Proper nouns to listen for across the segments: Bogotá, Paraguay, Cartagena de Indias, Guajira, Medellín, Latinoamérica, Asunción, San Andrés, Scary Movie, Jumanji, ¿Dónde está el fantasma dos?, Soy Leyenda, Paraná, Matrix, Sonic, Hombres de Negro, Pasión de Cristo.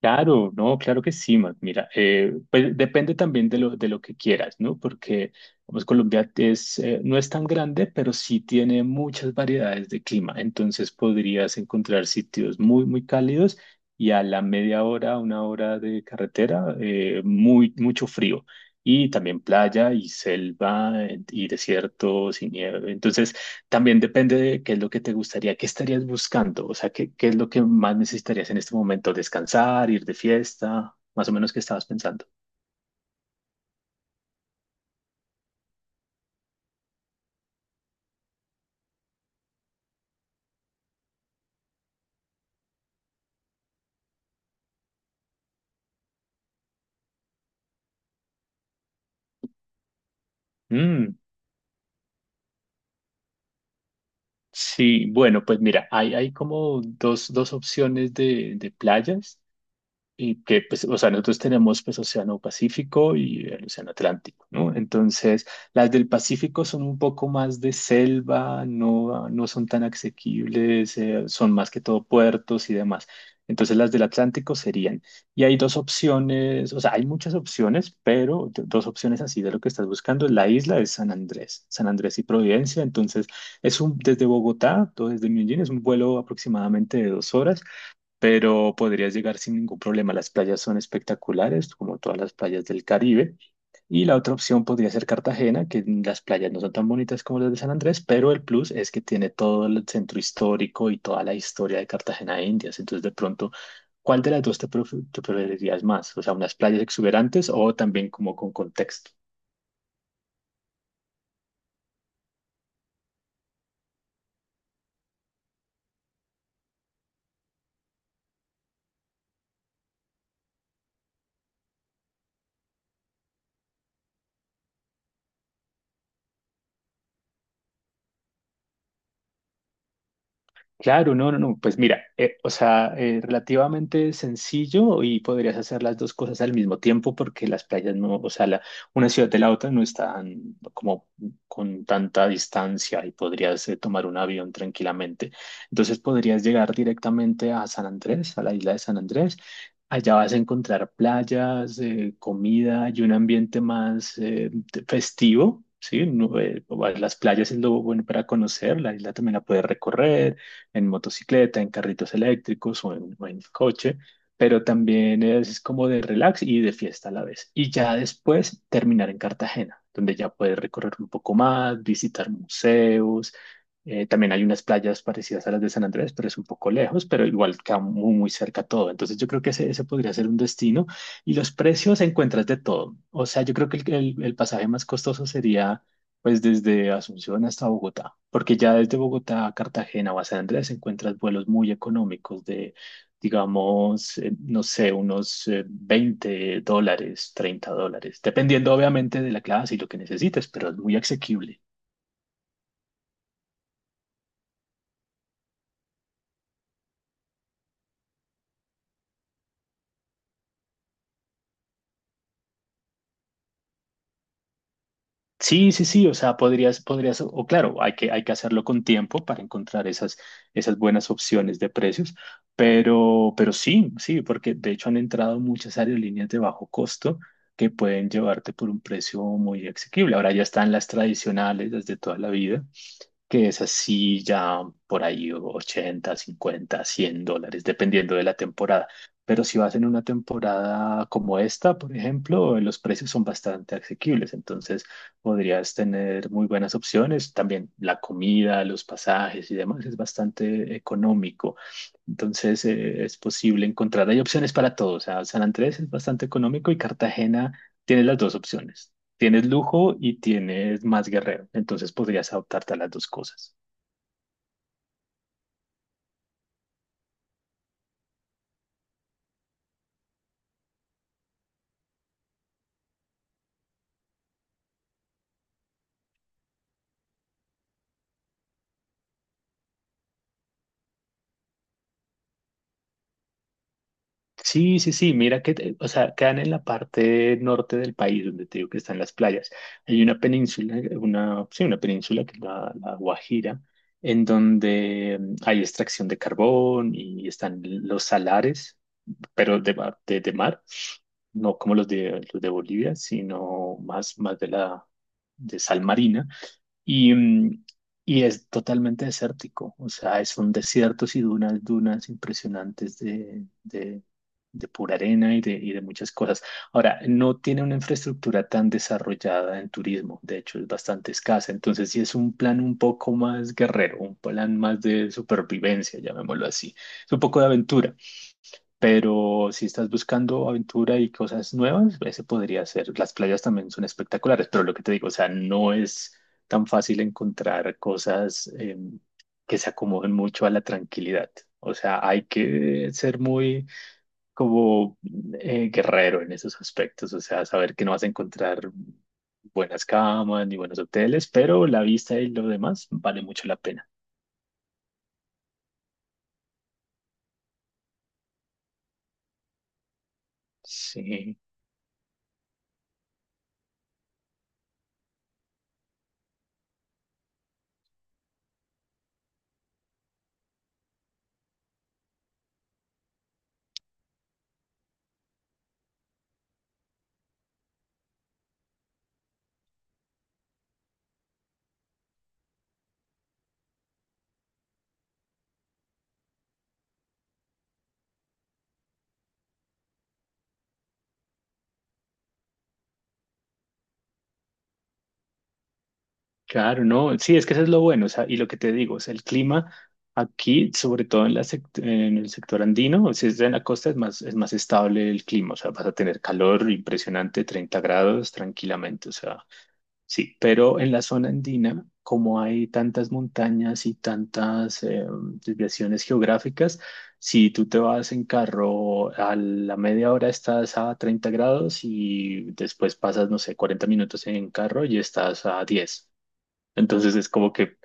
Claro, no, claro que sí, Mac. Mira, pues depende también de lo que quieras, ¿no? Porque, pues Colombia es, no es tan grande, pero sí tiene muchas variedades de clima. Entonces podrías encontrar sitios muy cálidos y a la media hora, una hora de carretera, mucho frío. Y también playa y selva y desiertos y nieve. Entonces, también depende de qué es lo que te gustaría, qué estarías buscando, o sea, qué es lo que más necesitarías en este momento, descansar, ir de fiesta, más o menos qué estabas pensando. Mm, sí, bueno, pues mira, hay como dos opciones de playas. Y que, pues, o sea, nosotros tenemos, pues, Océano Pacífico y el Océano Atlántico, ¿no? Entonces, las del Pacífico son un poco más de selva, no son tan asequibles, son más que todo puertos y demás. Entonces, las del Atlántico serían, y hay dos opciones, o sea, hay muchas opciones, pero dos opciones así de lo que estás buscando, la isla de San Andrés, San Andrés y Providencia, entonces, es un, desde Bogotá, todo desde Medellín, es un vuelo aproximadamente de 2 horas, pero podrías llegar sin ningún problema. Las playas son espectaculares, como todas las playas del Caribe. Y la otra opción podría ser Cartagena, que las playas no son tan bonitas como las de San Andrés, pero el plus es que tiene todo el centro histórico y toda la historia de Cartagena de Indias. Entonces, de pronto, ¿cuál de las dos te preferirías más? O sea, unas playas exuberantes o también como con contexto. Claro, no, no, no. Pues mira, relativamente sencillo y podrías hacer las dos cosas al mismo tiempo porque las playas no, o sea, una ciudad de la otra no están como con tanta distancia y podrías tomar un avión tranquilamente. Entonces podrías llegar directamente a San Andrés, a la isla de San Andrés. Allá vas a encontrar playas, comida y un ambiente más festivo. Sí, no, las playas es lo bueno para conocer, la isla también la puedes recorrer en motocicleta, en carritos eléctricos o en coche, pero también es como de relax y de fiesta a la vez. Y ya después terminar en Cartagena, donde ya puedes recorrer un poco más, visitar museos. También hay unas playas parecidas a las de San Andrés, pero es un poco lejos, pero igual queda muy cerca todo. Entonces yo creo que ese podría ser un destino. Y los precios encuentras de todo. O sea, yo creo que el pasaje más costoso sería pues desde Asunción hasta Bogotá, porque ya desde Bogotá a Cartagena o a San Andrés encuentras vuelos muy económicos de, digamos, no sé, unos $20, $30, dependiendo obviamente de la clase y lo que necesites, pero es muy asequible. Sí, sí, sí, o sea, podrías, o claro, hay que hacerlo con tiempo para encontrar esas buenas opciones de precios, pero sí, sí, porque de hecho han entrado muchas aerolíneas de bajo costo que pueden llevarte por un precio muy asequible. Ahora ya están las tradicionales, las de toda la vida, que es así ya por ahí $80, $50, $100, dependiendo de la temporada. Pero si vas en una temporada como esta, por ejemplo, los precios son bastante asequibles, entonces podrías tener muy buenas opciones. También la comida, los pasajes y demás es bastante económico. Entonces es posible encontrar, hay opciones para todos. O sea, San Andrés es bastante económico y Cartagena tiene las dos opciones. Tienes lujo y tienes más guerrero, entonces podrías adoptarte a las dos cosas. Sí, sí, sí, mira que, o sea, quedan en la parte norte del país, donde te digo que están las playas. Hay una península, sí, una península que es la Guajira, en donde hay extracción de carbón y están los salares, pero de mar, no como los de Bolivia, sino más de la, de sal marina. Y, mm, y es totalmente desértico, o sea, son desiertos y dunas, dunas impresionantes de pura arena y de muchas cosas. Ahora, no tiene una infraestructura tan desarrollada en turismo, de hecho es bastante escasa, entonces sí es un plan un poco más guerrero, un plan más de supervivencia, llamémoslo así, es un poco de aventura. Pero si estás buscando aventura y cosas nuevas, ese podría ser. Las playas también son espectaculares, pero lo que te digo, o sea, no es tan fácil encontrar cosas que se acomoden mucho a la tranquilidad. O sea, hay que ser muy como guerrero en esos aspectos, o sea, saber que no vas a encontrar buenas camas ni buenos hoteles, pero la vista y lo demás vale mucho la pena. Sí. Claro, no, sí, es que eso es lo bueno, o sea, y lo que te digo, o sea, el clima aquí, sobre todo en la en el sector andino, si es en la costa es es más estable el clima, o sea, vas a tener calor impresionante, 30 grados tranquilamente, o sea, sí, pero en la zona andina, como hay tantas montañas y tantas desviaciones geográficas, si tú te vas en carro a la media hora estás a 30 grados y después pasas, no sé, 40 minutos en carro y estás a 10. Entonces es como que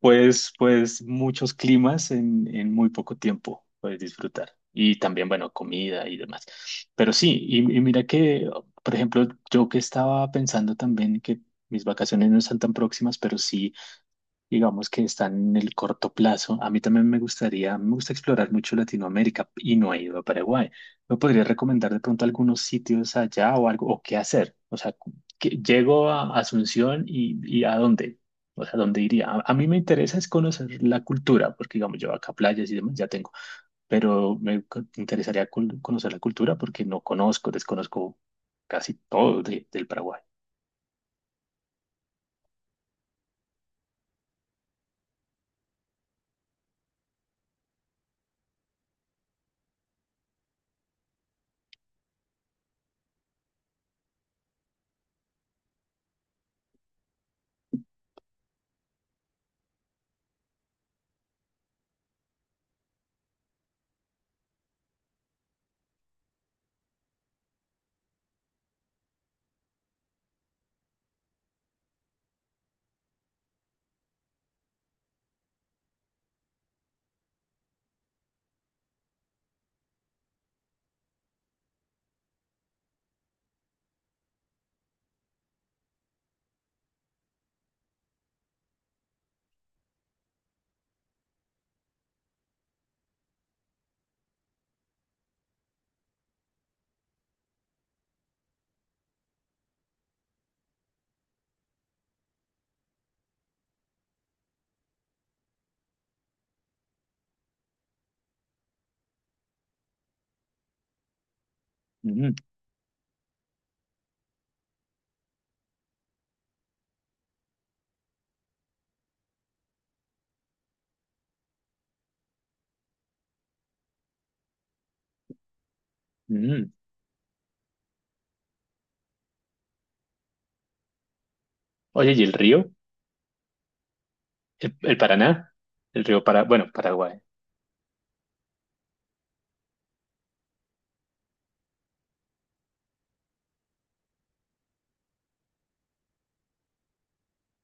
puedes, pues muchos climas en muy poco tiempo puedes disfrutar. Y también, bueno, comida y demás. Pero sí, y mira que, por ejemplo, yo que estaba pensando también que mis vacaciones no están tan próximas, pero sí digamos que están en el corto plazo. A mí también me gustaría, me gusta explorar mucho Latinoamérica y no he ido a Paraguay. ¿Me podrías recomendar de pronto algunos sitios allá o algo, o qué hacer? O sea, que llego a Asunción y a dónde? O sea, ¿dónde iría? A mí me interesa es conocer la cultura, porque digamos, yo acá playas y demás ya tengo, pero interesaría conocer la cultura porque no conozco, desconozco casi todo del Paraguay. Mm, mm. Oye, ¿y el río? El Paraná? El río Para, bueno, Paraguay,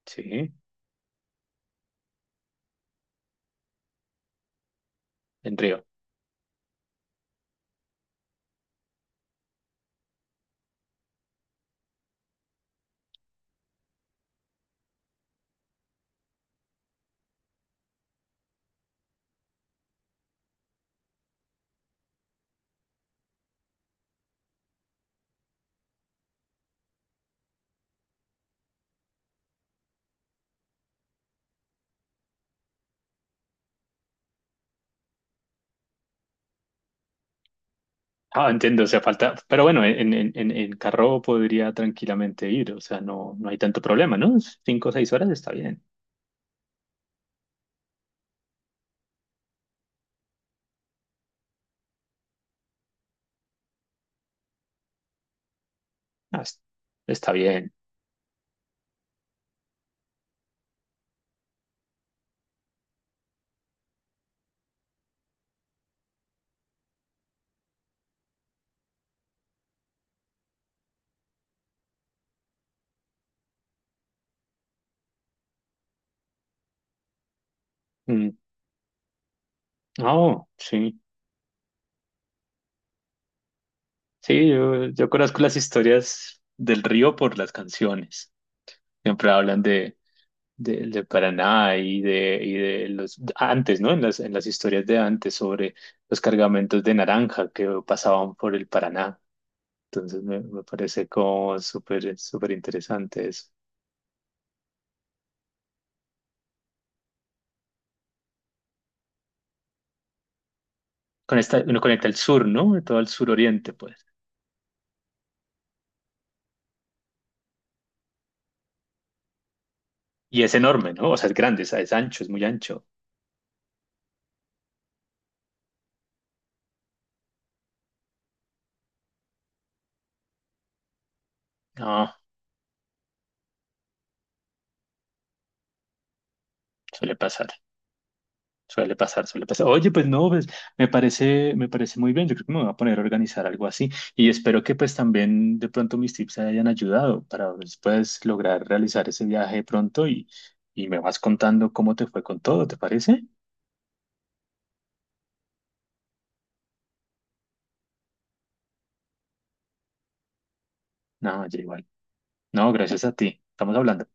sí, el río. Ah, entiendo, o sea, falta, pero bueno, en carro podría tranquilamente ir, o sea, no, no hay tanto problema, ¿no? 5 o 6 horas está bien. Ah, es- Está bien. Mm. Oh, sí, sí, yo conozco las historias del río por las canciones, siempre hablan de Paraná y de los, antes, ¿no? En en las historias de antes sobre los cargamentos de naranja que pasaban por el Paraná. Entonces me parece como súper interesante eso. Con esta uno conecta el sur, ¿no? Todo el suroriente, pues. Y es enorme, ¿no? O sea, es grande, es ancho, es muy ancho. No, suele pasar, suele pasar. Oye, pues no, pues, me parece muy bien. Yo creo que me voy a poner a organizar algo así. Y espero que pues también de pronto mis tips te hayan ayudado para después lograr realizar ese viaje pronto y me vas contando cómo te fue con todo, ¿te parece? No, ya igual. No, gracias a ti. Estamos hablando.